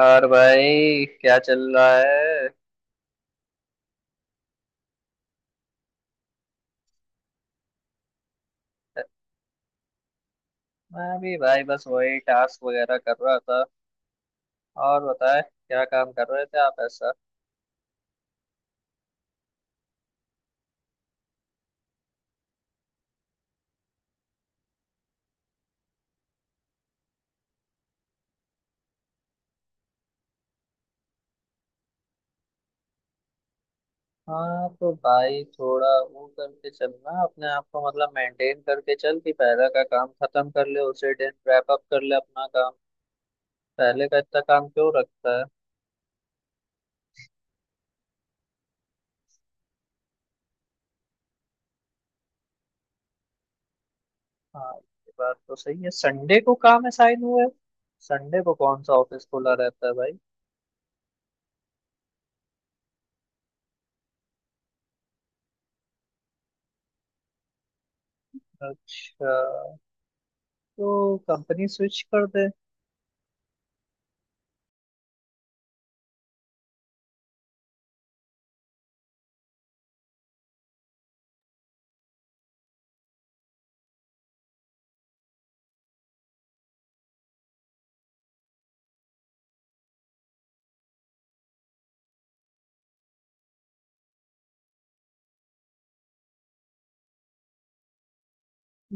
और भाई क्या चल रहा है। मैं भी भाई बस वही टास्क वगैरह कर रहा था। और बताए क्या काम कर रहे थे आप ऐसा। हाँ तो भाई थोड़ा वो करके चलना अपने आप को मतलब मेंटेन करके चल कि पहले का काम खत्म कर ले उसी दिन रैप अप कर ले अपना काम। पहले का इतना काम क्यों रखता है। हाँ ये बात तो सही है, संडे को काम असाइन हुआ है। संडे को कौन सा ऑफिस खुला रहता है भाई। अच्छा, तो कंपनी स्विच कर दे।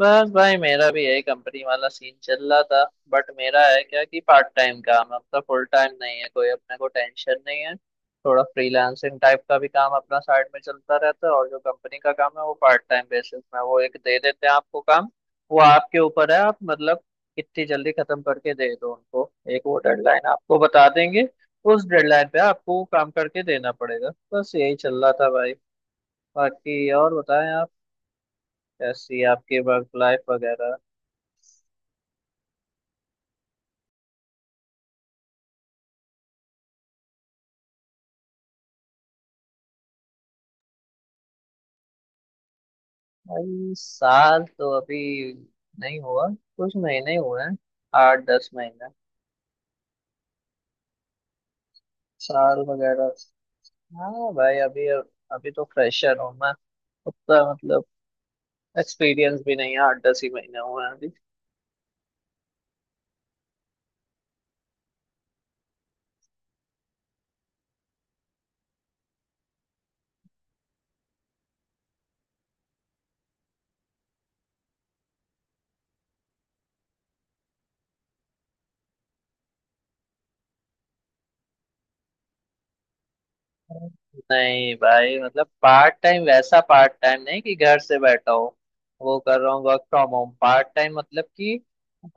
बस भाई मेरा भी यही कंपनी वाला सीन चल रहा था। बट मेरा है क्या कि पार्ट टाइम काम है अपना, फुल टाइम नहीं है कोई, अपने को टेंशन नहीं है। थोड़ा फ्रीलांसिंग टाइप का भी काम अपना साइड में चलता रहता है, और जो कंपनी का काम है वो पार्ट टाइम बेसिस में वो एक दे देते हैं आपको काम। वो आपके ऊपर है, आप मतलब कितनी जल्दी खत्म करके दे दो उनको। एक वो डेडलाइन आपको बता देंगे, उस डेडलाइन पे आपको वो काम करके देना पड़ेगा। बस यही चल रहा था भाई। बाकी और बताएं आप, कैसी है आपकी वर्क लाइफ वगैरह। भाई साल तो अभी नहीं हुआ, कुछ महीने ही हुए हैं। आठ दस महीने, साल वगैरह। हाँ भाई अभी, अभी तो फ्रेशर हूँ मैं। उतना मतलब एक्सपीरियंस भी नहीं है, आठ दस ही महीने हुए हैं अभी। नहीं भाई मतलब पार्ट टाइम वैसा पार्ट टाइम नहीं कि घर से बैठा हो वो कर रहा हूँ। Work from home part time मतलब कि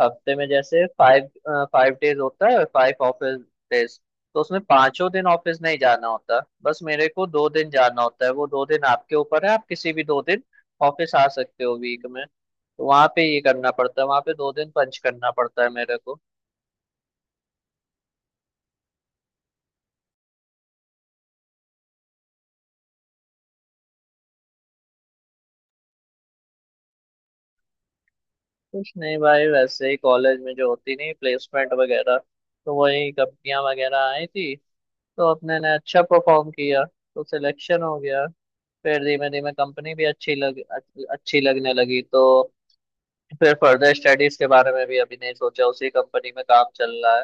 हफ्ते में जैसे फाइव, फाइव डेज होता है, फाइव ऑफिस डेज। तो उसमें पांचों दिन ऑफिस नहीं जाना होता, बस मेरे को दो दिन जाना होता है। वो दो दिन आपके ऊपर है, आप किसी भी दो दिन ऑफिस आ सकते हो वीक में। तो वहां पे ये करना पड़ता है, वहां पे दो दिन पंच करना पड़ता है मेरे। कुछ नहीं भाई, वैसे ही कॉलेज में जो होती नहीं प्लेसमेंट वगैरह, तो वही कंपनियां वगैरह आई थी। तो अपने ने अच्छा परफॉर्म किया तो सिलेक्शन हो गया। फिर धीमे धीमे कंपनी भी अच्छी लगने लगी। तो फिर फर्दर स्टडीज के बारे में भी अभी नहीं सोचा, उसी कंपनी में काम चल रहा है।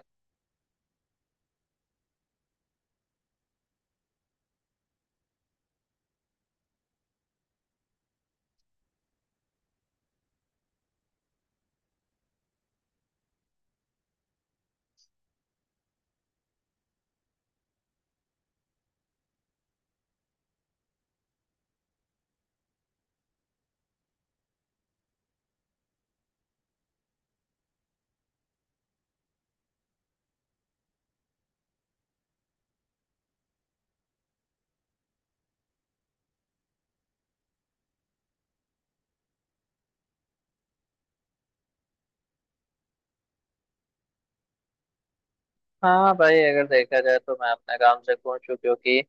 हाँ भाई अगर देखा जाए तो मैं अपने काम से खुश हूँ, क्योंकि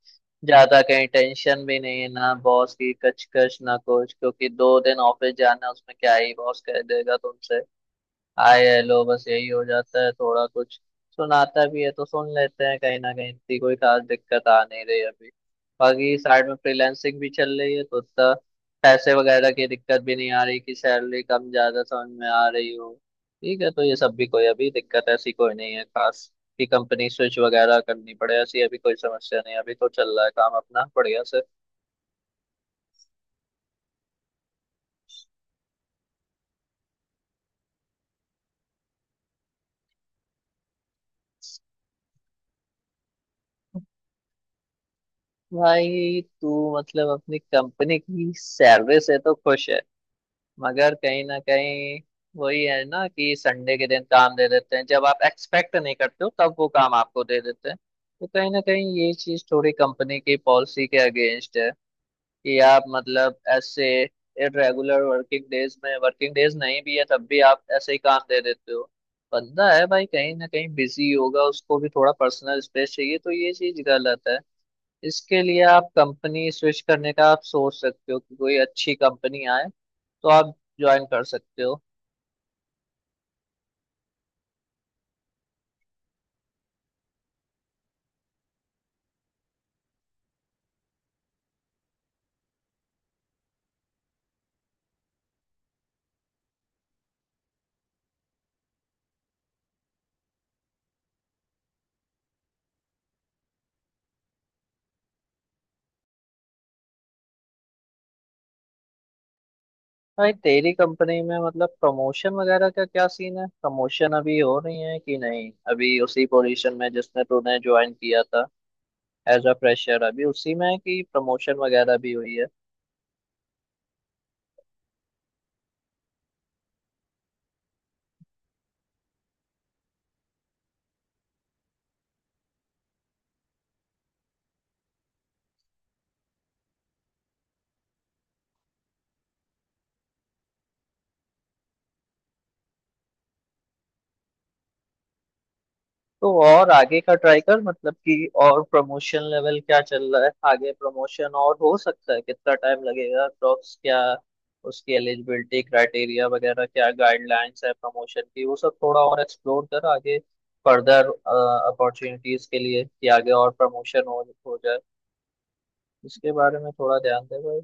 ज्यादा कहीं टेंशन भी नहीं है ना, बॉस की कचकच ना कुछ, क्योंकि दो दिन ऑफिस जाना उसमें क्या ही बॉस कह देगा तुमसे। हाय हेलो बस यही हो जाता है। थोड़ा कुछ सुनाता भी है तो सुन लेते हैं, कहीं ना कहीं इतनी कोई खास दिक्कत आ नहीं रही अभी। बाकी साइड में फ्रीलांसिंग भी चल रही है, तो उतना पैसे वगैरह की दिक्कत भी नहीं आ रही कि सैलरी कम ज्यादा समझ में आ रही हो। ठीक है, तो ये सब भी कोई अभी दिक्कत ऐसी कोई नहीं है खास कि कंपनी स्विच वगैरह करनी पड़े, ऐसी अभी कोई समस्या नहीं है, अभी तो चल रहा है काम अपना बढ़िया से। भाई तू मतलब अपनी कंपनी की सैलरी से तो खुश है, मगर कहीं ना कहीं वही है ना कि संडे के दिन काम दे देते हैं। जब आप एक्सपेक्ट नहीं करते हो तब वो काम आपको दे देते हैं। तो कहीं ना कहीं ये चीज थोड़ी कंपनी की पॉलिसी के अगेंस्ट है कि आप मतलब ऐसे इरेगुलर वर्किंग डेज में, वर्किंग डेज नहीं भी है तब भी आप ऐसे ही काम दे देते हो। बंदा है भाई, कहीं ना कहीं बिजी होगा, उसको भी थोड़ा पर्सनल स्पेस चाहिए। तो ये चीज गलत है, इसके लिए आप कंपनी स्विच करने का आप सोच सकते हो कि कोई अच्छी कंपनी आए तो आप ज्वाइन कर सकते हो। भाई तेरी कंपनी में मतलब प्रमोशन वगैरह का क्या सीन है, प्रमोशन अभी हो रही है कि नहीं, अभी उसी पोजीशन में जिसने तूने ज्वाइन किया था एज अ फ्रेशर अभी उसी में है कि प्रमोशन वगैरह भी हुई है। तो और आगे का ट्राई कर, मतलब कि और प्रमोशन लेवल क्या चल रहा है, आगे प्रमोशन और हो सकता है, कितना टाइम लगेगा अप्रोक्स, क्या उसकी एलिजिबिलिटी क्राइटेरिया वगैरह, क्या गाइडलाइंस है प्रमोशन की, वो सब थोड़ा और एक्सप्लोर कर आगे फर्दर अपॉर्चुनिटीज के लिए कि आगे और प्रमोशन हो जाए। इसके बारे में थोड़ा ध्यान दे भाई।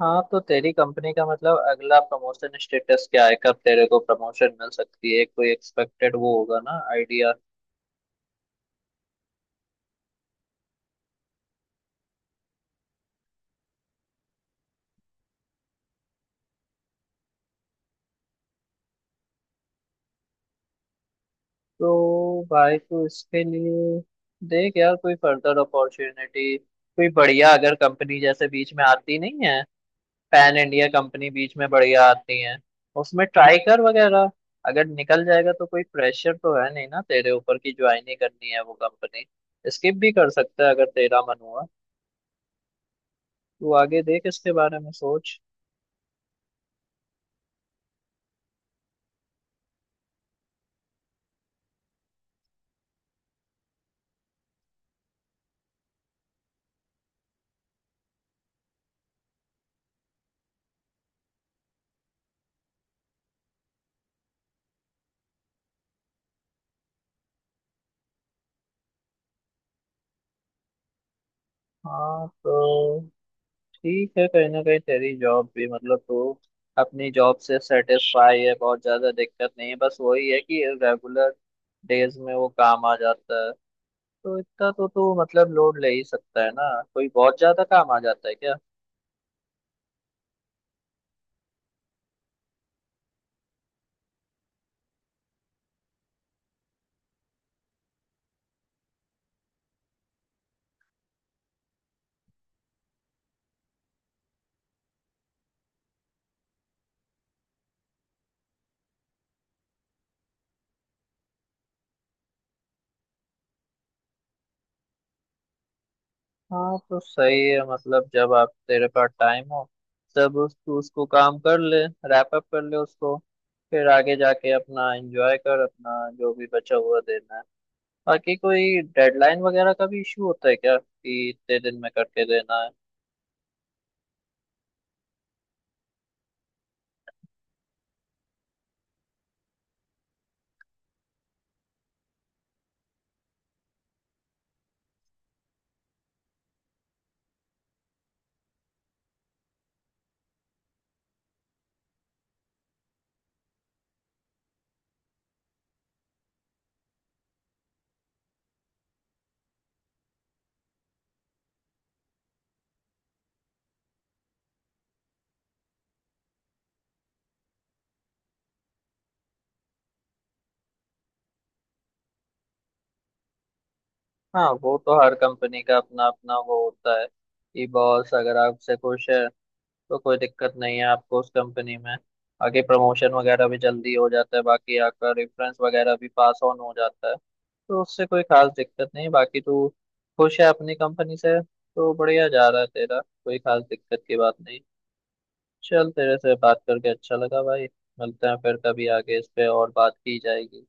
हाँ तो तेरी कंपनी का मतलब अगला प्रमोशन स्टेटस क्या है, कब तेरे को प्रमोशन मिल सकती है, कोई एक्सपेक्टेड वो होगा ना आइडिया। तो भाई तो इसके लिए देख यार, कोई फर्दर अपॉर्चुनिटी कोई बढ़िया अगर कंपनी जैसे बीच में आती नहीं है, पैन इंडिया कंपनी बीच में बढ़िया आती है, उसमें ट्राई कर वगैरह। अगर निकल जाएगा तो कोई प्रेशर तो है नहीं ना तेरे ऊपर की ज्वाइन ही करनी है वो कंपनी, स्किप भी कर सकता है अगर तेरा मन हुआ। तू आगे देख, इसके बारे में सोच। हाँ तो ठीक है, कहीं ना कहीं तेरी जॉब भी मतलब तू अपनी जॉब से सेटिस्फाई है, बहुत ज्यादा दिक्कत नहीं है, बस वही है कि रेगुलर डेज में वो काम आ जाता है। तो इतना तो तू मतलब लोड ले ही सकता है ना, कोई बहुत ज्यादा काम आ जाता है क्या। हाँ तो सही है, मतलब जब आप तेरे पास टाइम हो तब तू उसको काम कर ले, रैप अप कर ले उसको। फिर आगे जाके अपना एंजॉय कर अपना जो भी बचा हुआ दिन है। बाकी कोई डेडलाइन वगैरह का भी इशू होता है क्या, कि इतने दिन में करके देना है। हाँ वो तो हर कंपनी का अपना अपना वो होता है कि बॉस अगर आपसे खुश है तो कोई दिक्कत नहीं है आपको उस कंपनी में। बाकी प्रमोशन वगैरह भी जल्दी हो जाता है, बाकी आपका रेफरेंस वगैरह भी पास ऑन हो जाता है, तो उससे कोई खास दिक्कत नहीं। बाकी तू खुश है अपनी कंपनी से तो बढ़िया जा रहा है तेरा, कोई खास दिक्कत की बात नहीं। चल, तेरे से बात करके अच्छा लगा भाई। मिलते हैं फिर कभी, आगे इस पे और बात की जाएगी।